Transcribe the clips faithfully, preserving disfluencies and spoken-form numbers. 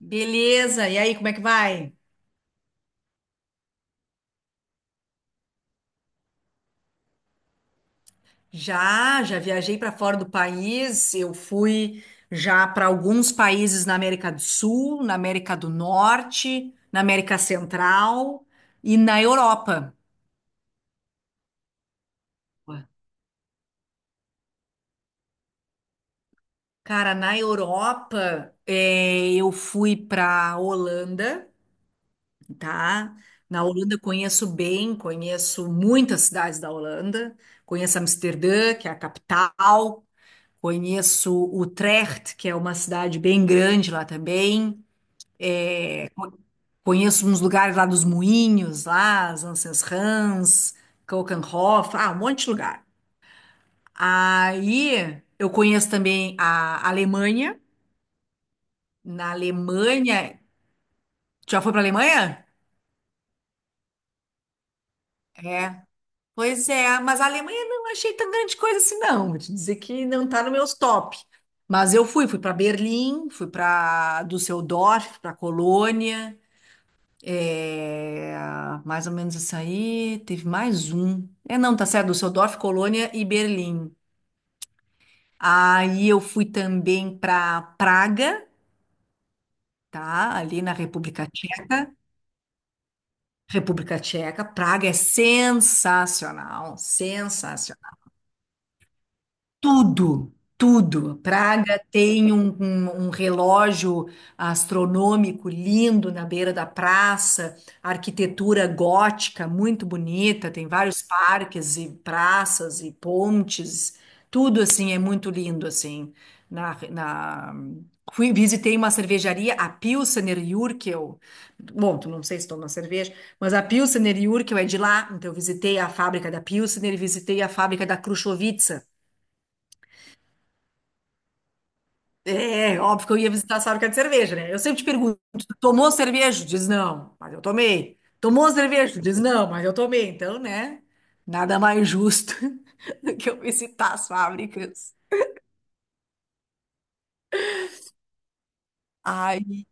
Beleza, e aí, como é que vai? Já, já viajei para fora do país. Eu fui já para alguns países na América do Sul, na América do Norte, na América Central e na Europa. Cara, na Europa, eh, eu fui para Holanda, tá? Na Holanda eu conheço bem, conheço muitas cidades da Holanda, conheço Amsterdã, que é a capital, conheço Utrecht, que é uma cidade bem grande lá também. É, co- conheço uns lugares lá dos Moinhos, lá, Zanzerhans, Keukenhof, ah, um monte de lugar. Aí eu conheço também a Alemanha. Na Alemanha, tu já foi para Alemanha? É, pois é, mas a Alemanha não achei tão grande coisa assim, não. Vou te dizer que não tá no meus top. Mas eu fui, fui para Berlim, fui para Düsseldorf, para Colônia. É, mais ou menos isso aí. Teve mais um. É, não, tá certo. Düsseldorf, Colônia e Berlim. Aí eu fui também para Praga, tá? Ali na República Tcheca. República Tcheca. Praga é sensacional, sensacional. Tudo, tudo. Praga tem um, um- um relógio astronômico lindo na beira da praça, arquitetura gótica muito bonita, tem vários parques e praças e pontes, tudo assim é muito lindo assim. Na, na- Fui, visitei uma cervejaria, a Pilsener Urquell. Bom, tu não sei se toma cerveja, mas a Pilsener Urquell é de lá, então eu visitei a fábrica da Pilsener e visitei a fábrica da Krušovice. É, óbvio que eu ia visitar a fábrica de cerveja, né? Eu sempre te pergunto, "Tu tomou cerveja? Diz não, mas eu tomei. Tomou cerveja? Diz não, mas eu tomei. Então, né? Nada mais justo que eu visitar as fábricas. Aí,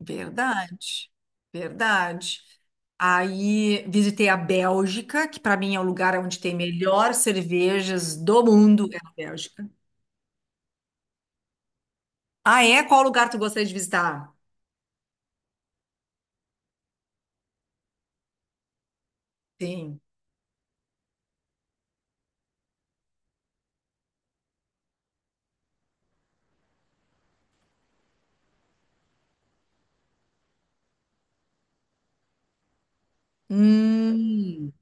verdade, verdade. Aí visitei a Bélgica, que para mim é o lugar onde tem melhor cervejas do mundo, é na Bélgica. Ah, é? Qual lugar tu gostaria de visitar? Sim. Hum,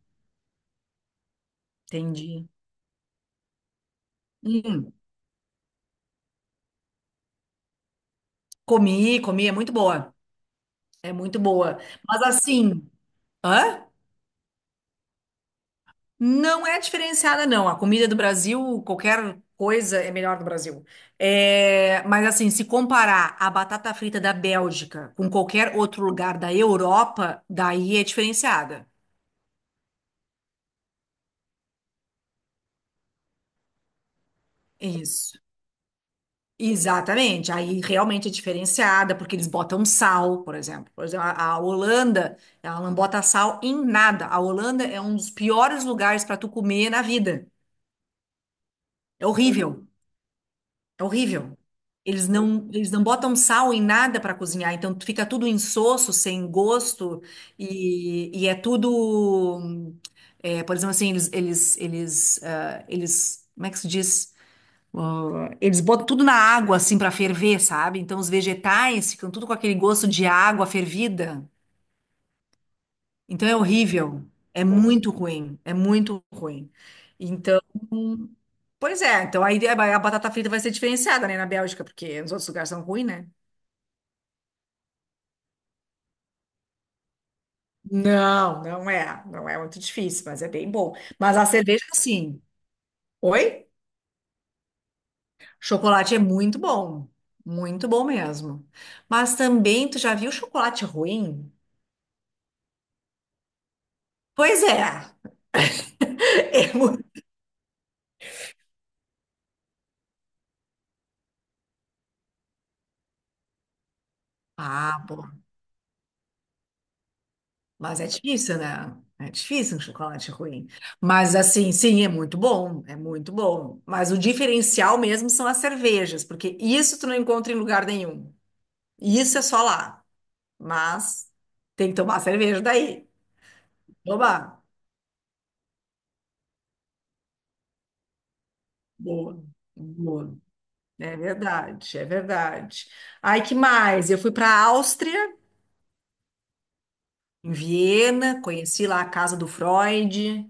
entendi. Hum. Comi, comi, é muito boa. É muito boa. Mas assim, hã? Não é diferenciada, não. A comida do Brasil, qualquer coisa é melhor do Brasil. É, mas assim, se comparar a batata frita da Bélgica com qualquer outro lugar da Europa, daí é diferenciada. Isso. Exatamente. Aí realmente é diferenciada, porque eles botam sal, por exemplo. Por exemplo, a, a Holanda, ela não bota sal em nada. A Holanda é um dos piores lugares para tu comer na vida. É horrível, é horrível. Eles não, eles não botam sal em nada para cozinhar, então fica tudo insosso, sem gosto, e, e é tudo. hum, é, por exemplo, assim, eles, eles, eles, ah, eles, como é que se diz? Ah, eles botam tudo na água, assim, para ferver, sabe? Então os vegetais ficam tudo com aquele gosto de água fervida. Então é horrível, é muito ruim, é muito ruim. Então pois é, então aí a batata frita vai ser diferenciada, né, na Bélgica, porque nos outros lugares são ruins, né? Não, não é. Não é muito difícil, mas é bem bom. Mas a cerveja, sim. Oi? Chocolate é muito bom. Muito bom mesmo. Mas também, tu já viu chocolate ruim? Pois é. É muito... Ah, pô. Mas é difícil, né? É difícil um chocolate ruim. Mas assim, sim, é muito bom. É muito bom. Mas o diferencial mesmo são as cervejas, porque isso tu não encontra em lugar nenhum. E isso é só lá. Mas tem que tomar cerveja daí. Toma. Boa, boa. É verdade, é verdade. Aí que mais? Eu fui para a Áustria, em Viena, conheci lá a casa do Freud.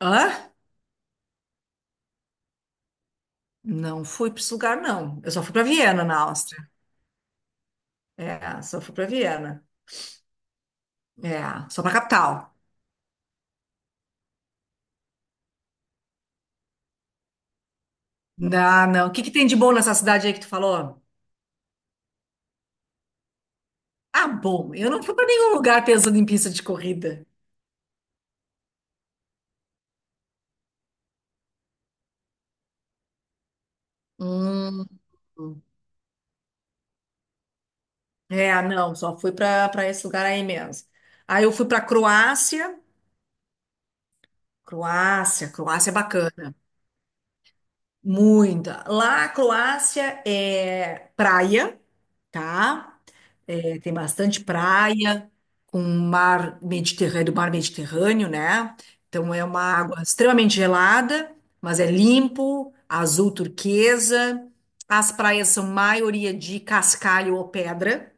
Hã? Não fui para esse lugar, não. Eu só fui para Viena, na Áustria. É, só fui para Viena. É, só para capital. Não, não. O que que tem de bom nessa cidade aí que tu falou? Ah, bom, eu não fui para nenhum lugar pensando em pista de corrida. Hum. É, não, só fui para para esse lugar aí mesmo. Aí eu fui para Croácia. Croácia, Croácia é bacana. Muita. Lá, a Croácia é praia, tá? É, tem bastante praia, com mar Mediterrâneo, mar Mediterrâneo, né? Então é uma água extremamente gelada, mas é limpo, azul turquesa. As praias são maioria de cascalho ou pedra.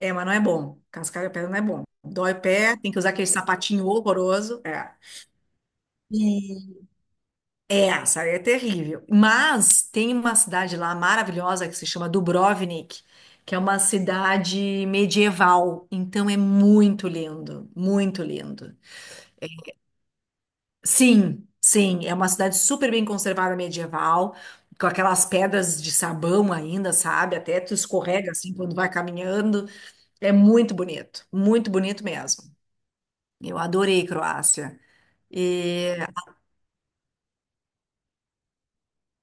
É, mas não é bom. Cascar de pedra não é bom. Dói o pé, tem que usar aquele sapatinho horroroso. É. E é, essa é terrível. Mas tem uma cidade lá maravilhosa que se chama Dubrovnik, que é uma cidade medieval. Então é muito lindo, muito lindo. Sim, sim, é uma cidade super bem conservada medieval, com aquelas pedras de sabão ainda, sabe? Até tu escorrega assim quando vai caminhando. É muito bonito, muito bonito mesmo. Eu adorei Croácia. E,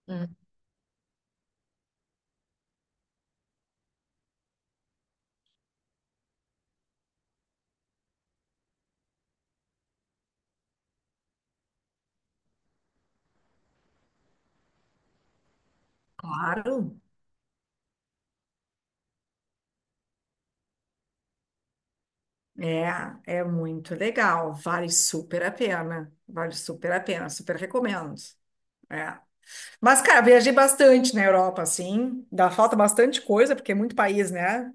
hum, claro, é, é muito legal. Vale super a pena. Vale super a pena. Super recomendo. É. Mas, cara, viajei bastante na Europa, assim. Dá falta bastante coisa, porque é muito país, né?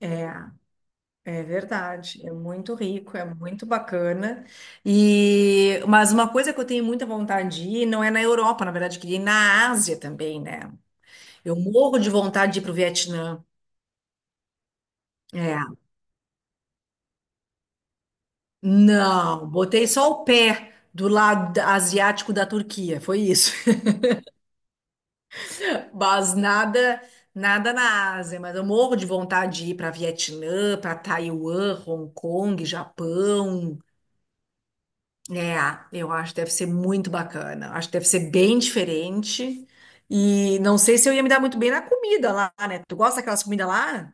É, é verdade. É muito rico, é muito bacana. E, mas uma coisa que eu tenho muita vontade de ir, não é na Europa, na verdade, eu queria ir na Ásia também, né? Eu morro de vontade de ir para o Vietnã. É. Não, botei só o pé do lado da- asiático da Turquia, foi isso. Mas nada, nada na Ásia, mas eu morro de vontade de ir para Vietnã, para Taiwan, Hong Kong, Japão. É, eu acho que deve ser muito bacana. Acho que deve ser bem diferente. E não sei se eu ia me dar muito bem na comida lá, né? Tu gosta daquelas comidas lá?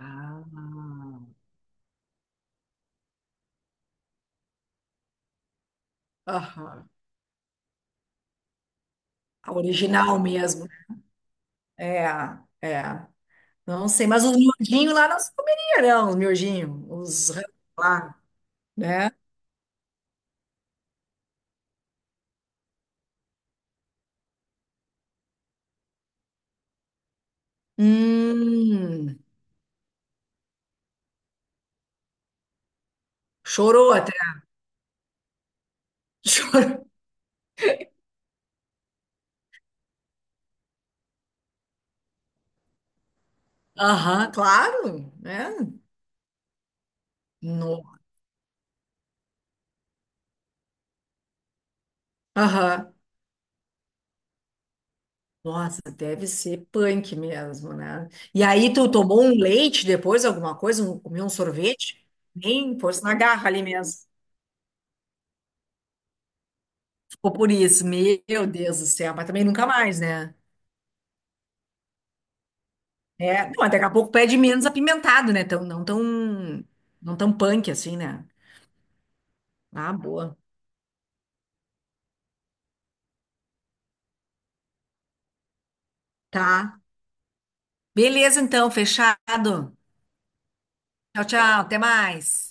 Ah. Aham. A original mesmo. É, é. Não sei, mas os miudinhos lá não se comeria, não, os miudinhos, os rã lá, né? Hum, chorou até. Chorou. Aham, claro, né? No. Aham. Nossa, deve ser punk mesmo, né? E aí tu tomou um leite depois, alguma coisa, um, comeu um sorvete? Nem fosse na garra ali mesmo. Ficou por isso, meu Deus do céu, mas também nunca mais, né? É, não, daqui a pouco pede menos apimentado, né? Tão, não tão, não tão punk assim, né? Ah, boa. Tá. Beleza, então, fechado. Tchau, tchau. Até mais.